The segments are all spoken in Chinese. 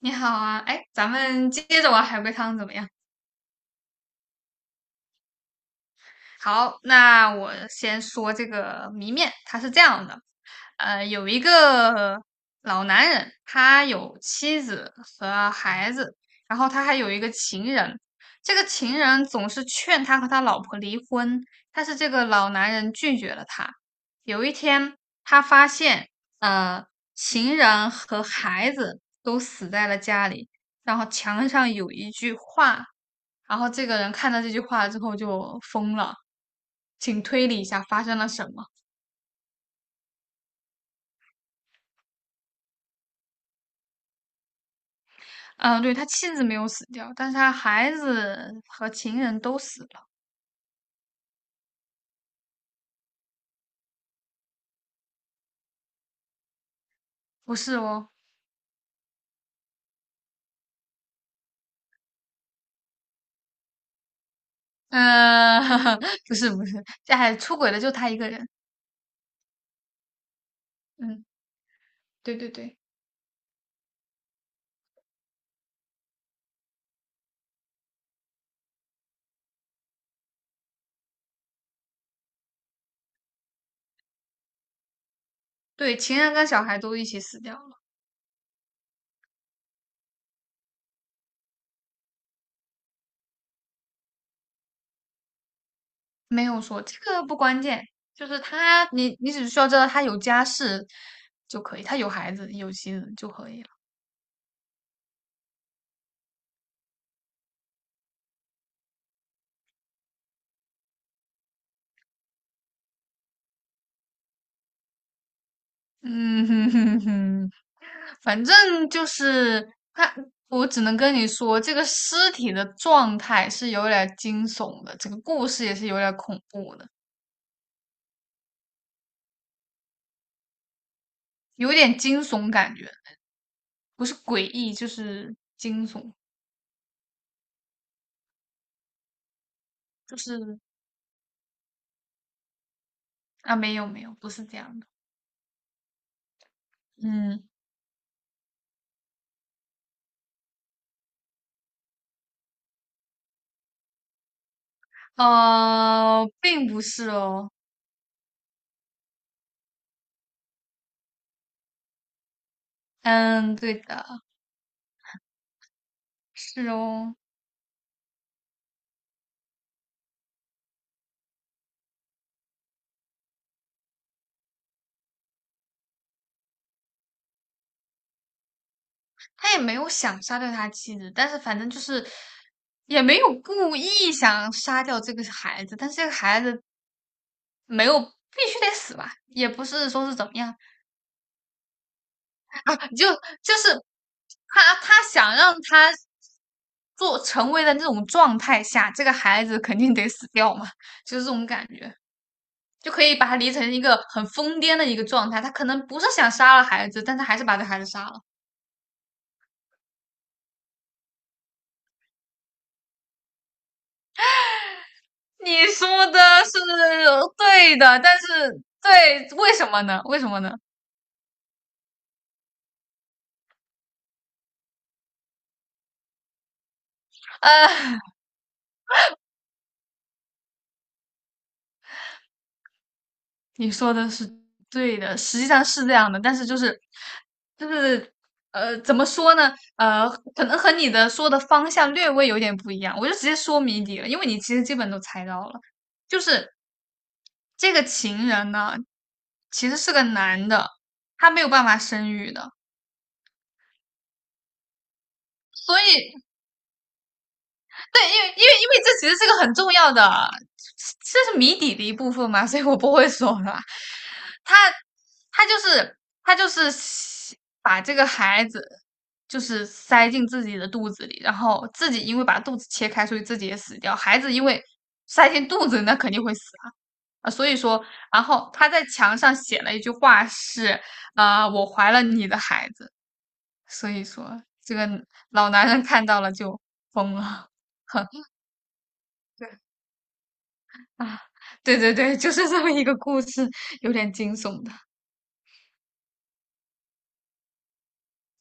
你好啊，哎，咱们接着玩海龟汤怎么样？好，那我先说这个谜面，它是这样的，有一个老男人，他有妻子和孩子，然后他还有一个情人，这个情人总是劝他和他老婆离婚，但是这个老男人拒绝了他。有一天，他发现，呃，情人和孩子都死在了家里，然后墙上有一句话，然后这个人看到这句话之后就疯了。请推理一下发生了什么？嗯，对，他妻子没有死掉，但是他孩子和情人都死了。不是哦。嗯，不是不是，这还出轨的就他一个人。嗯，对对对对，情人跟小孩都一起死掉了。没有说这个不关键，就是他，你只需要知道他有家室就可以，他有孩子有妻子就可以了。嗯哼哼哼。反正就是他，我只能跟你说，这个尸体的状态是有点惊悚的，整个故事也是有点恐怖的，有点惊悚感觉，不是诡异就是惊悚。就是啊，没有没有，不是这样的。嗯。并不是哦。嗯，对的。是哦。他也没有想杀掉他妻子，但是反正就是。也没有故意想杀掉这个孩子，但是这个孩子没有必须得死吧，也不是说是怎么样啊。就是他想让他做成为的那种状态下，这个孩子肯定得死掉嘛，就是这种感觉，就可以把他理成一个很疯癫的一个状态。他可能不是想杀了孩子，但他还是把这孩子杀了。你说的是对的，但是对，为什么呢？为什么呢？呃。你说的是对的，实际上是这样的，但是就是就是怎么说呢？可能和你的说的方向略微有点不一样，我就直接说谜底了，因为你其实基本都猜到了，就是这个情人呢，其实是个男的，他没有办法生育的，所以对，因为这其实是个很重要的，这是谜底的一部分嘛，所以我不会说了。他他就是他就是把这个孩子就是塞进自己的肚子里，然后自己因为把肚子切开，所以自己也死掉。孩子因为塞进肚子，那肯定会死啊。啊所以说，然后他在墙上写了一句话是，啊，我怀了你的孩子。所以说，这个老男人看到了就疯了。对。啊，对对对，就是这么一个故事，有点惊悚的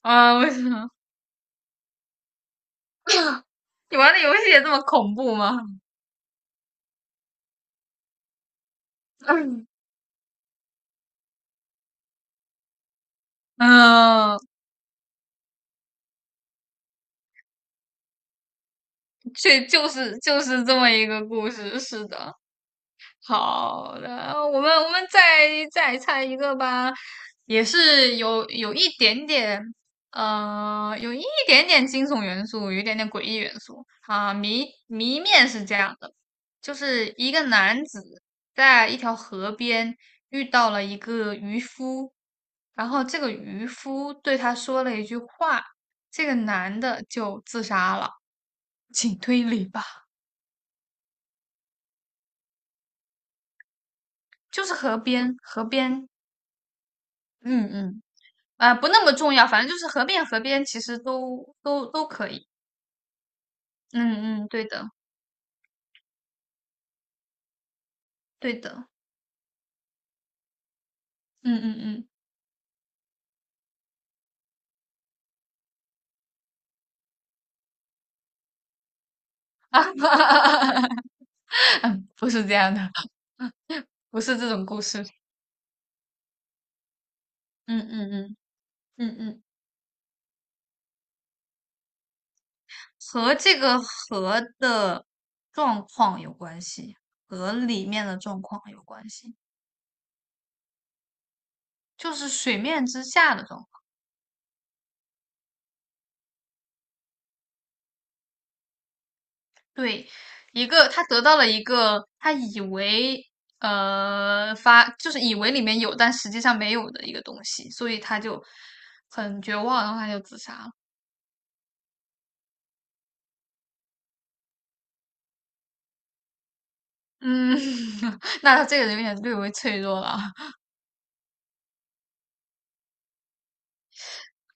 啊。为什么你玩的游戏也这么恐怖吗？嗯，这就是这么一个故事，是的。好的，我们再猜一个吧，也是有一点点，有一点点惊悚元素，有一点点诡异元素啊。谜面是这样的，就是一个男子在一条河边遇到了一个渔夫，然后这个渔夫对他说了一句话，这个男的就自杀了，请推理吧。就是河边，河边。嗯嗯。啊、不那么重要，反正就是河边其实都可以。嗯嗯，对的。对的，嗯嗯嗯，嗯，不是这样的，不是这种故事。嗯嗯嗯嗯嗯，和这个河的状况有关系，和里面的状况有关系，就是水面之下的状况。对，一个他得到了一个他以为就是以为里面有，但实际上没有的一个东西，所以他就很绝望，然后他就自杀了。嗯，那他这个人有点略微脆弱了。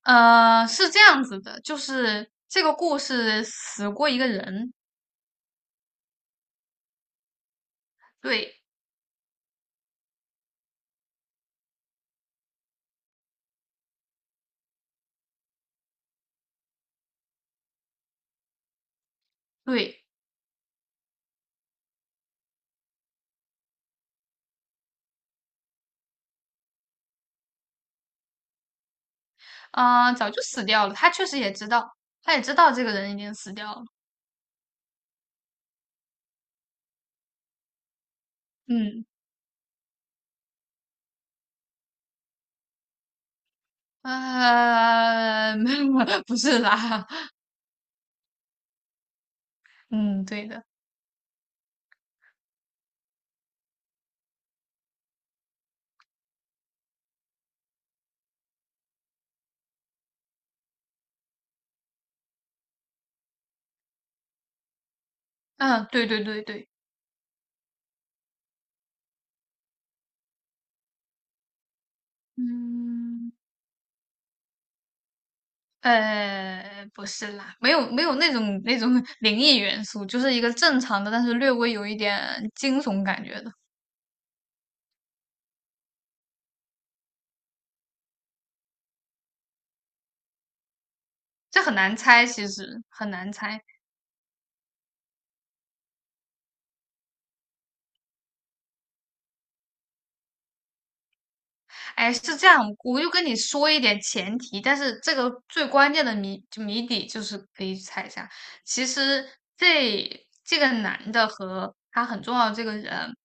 是这样子的，就是这个故事死过一个人。对对。啊、早就死掉了。他确实也知道，他也知道这个人已经死掉了。嗯。没，不是啦。嗯，对的。嗯，对对对对。嗯，不是啦，没有没有那种 灵异元素，就是一个正常的，但是略微有一点惊悚感觉的。这很难猜，其实很难猜。哎，是这样，我就跟你说一点前提，但是这个最关键的谜谜底就是可以猜一下。其实这这个男的和他很重要的这个人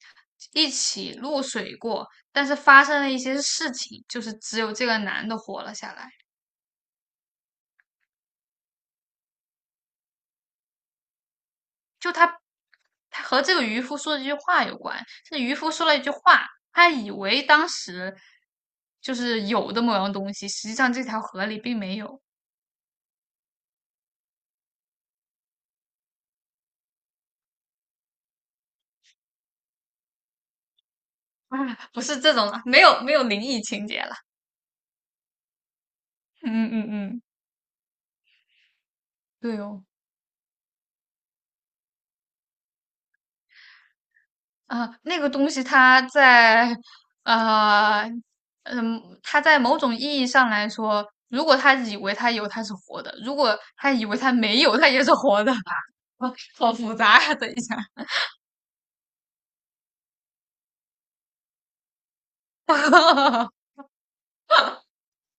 一起落水过，但是发生了一些事情，就是只有这个男的活了下来。就他，他和这个渔夫说的这句话有关。这渔夫说了一句话，他以为当时就是有的某样东西，实际上这条河里并没有。啊，不是这种了，没有没有灵异情节了。嗯嗯嗯，对哦。啊，那个东西它在，呃，它在某种意义上来说，如果他以为他有，他是活的；如果他以为他没有，他也是活的。好复杂呀、等一下。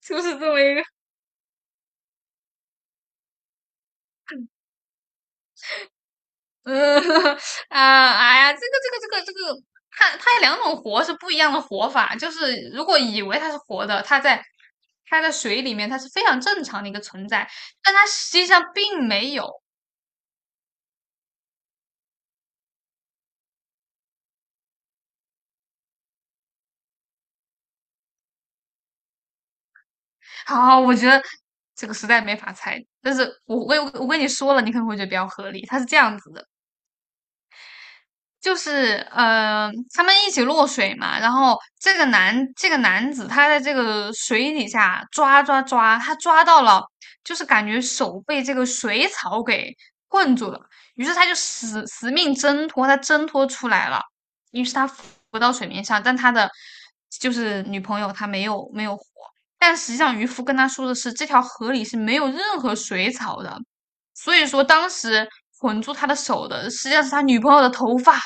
就是这么一个。呃 啊，哎呀，这个，它有两种活是不一样的活法。就是如果以为它是活的，它在水里面，它是非常正常的一个存在，但它实际上并没有。好，我觉得这个实在没法猜。但是我我跟你说了，你可能会觉得比较合理。它是这样子的，就是他们一起落水嘛，然后这个男子他在这个水底下抓抓抓，他抓到了，就是感觉手被这个水草给困住了，于是他就死死命挣脱，他挣脱出来了，于是他浮到水面上，但他的就是女朋友她没有活，但实际上渔夫跟他说的是这条河里是没有任何水草的，所以说当时。捆住他的手的，实际上是他女朋友的头发。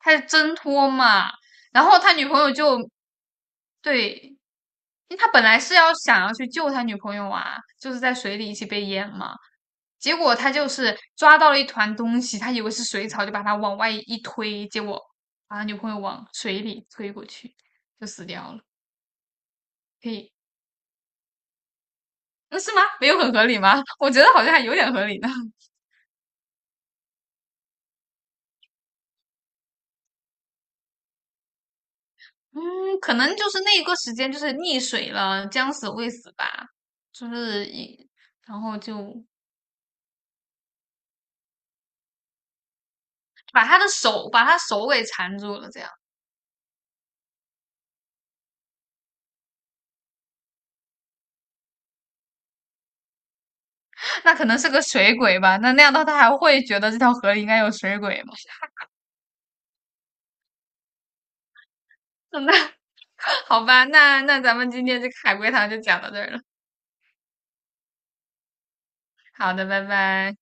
他是挣脱嘛，然后他女朋友就对，因为他本来是要想要去救他女朋友啊，就是在水里一起被淹嘛，结果他就是抓到了一团东西，他以为是水草，就把他往外一推，结果把他女朋友往水里推过去，就死掉了。可以。嗯，是吗？没有很合理吗？我觉得好像还有点合理呢。嗯，可能就是那个时间就是溺水了，将死未死吧，就是一，然后就把他手给缠住了，这样那可能是个水鬼吧？那那样的话他还会觉得这条河里应该有水鬼吗？那好吧，那那咱们今天这个海龟汤就讲到这儿了。好的，拜拜。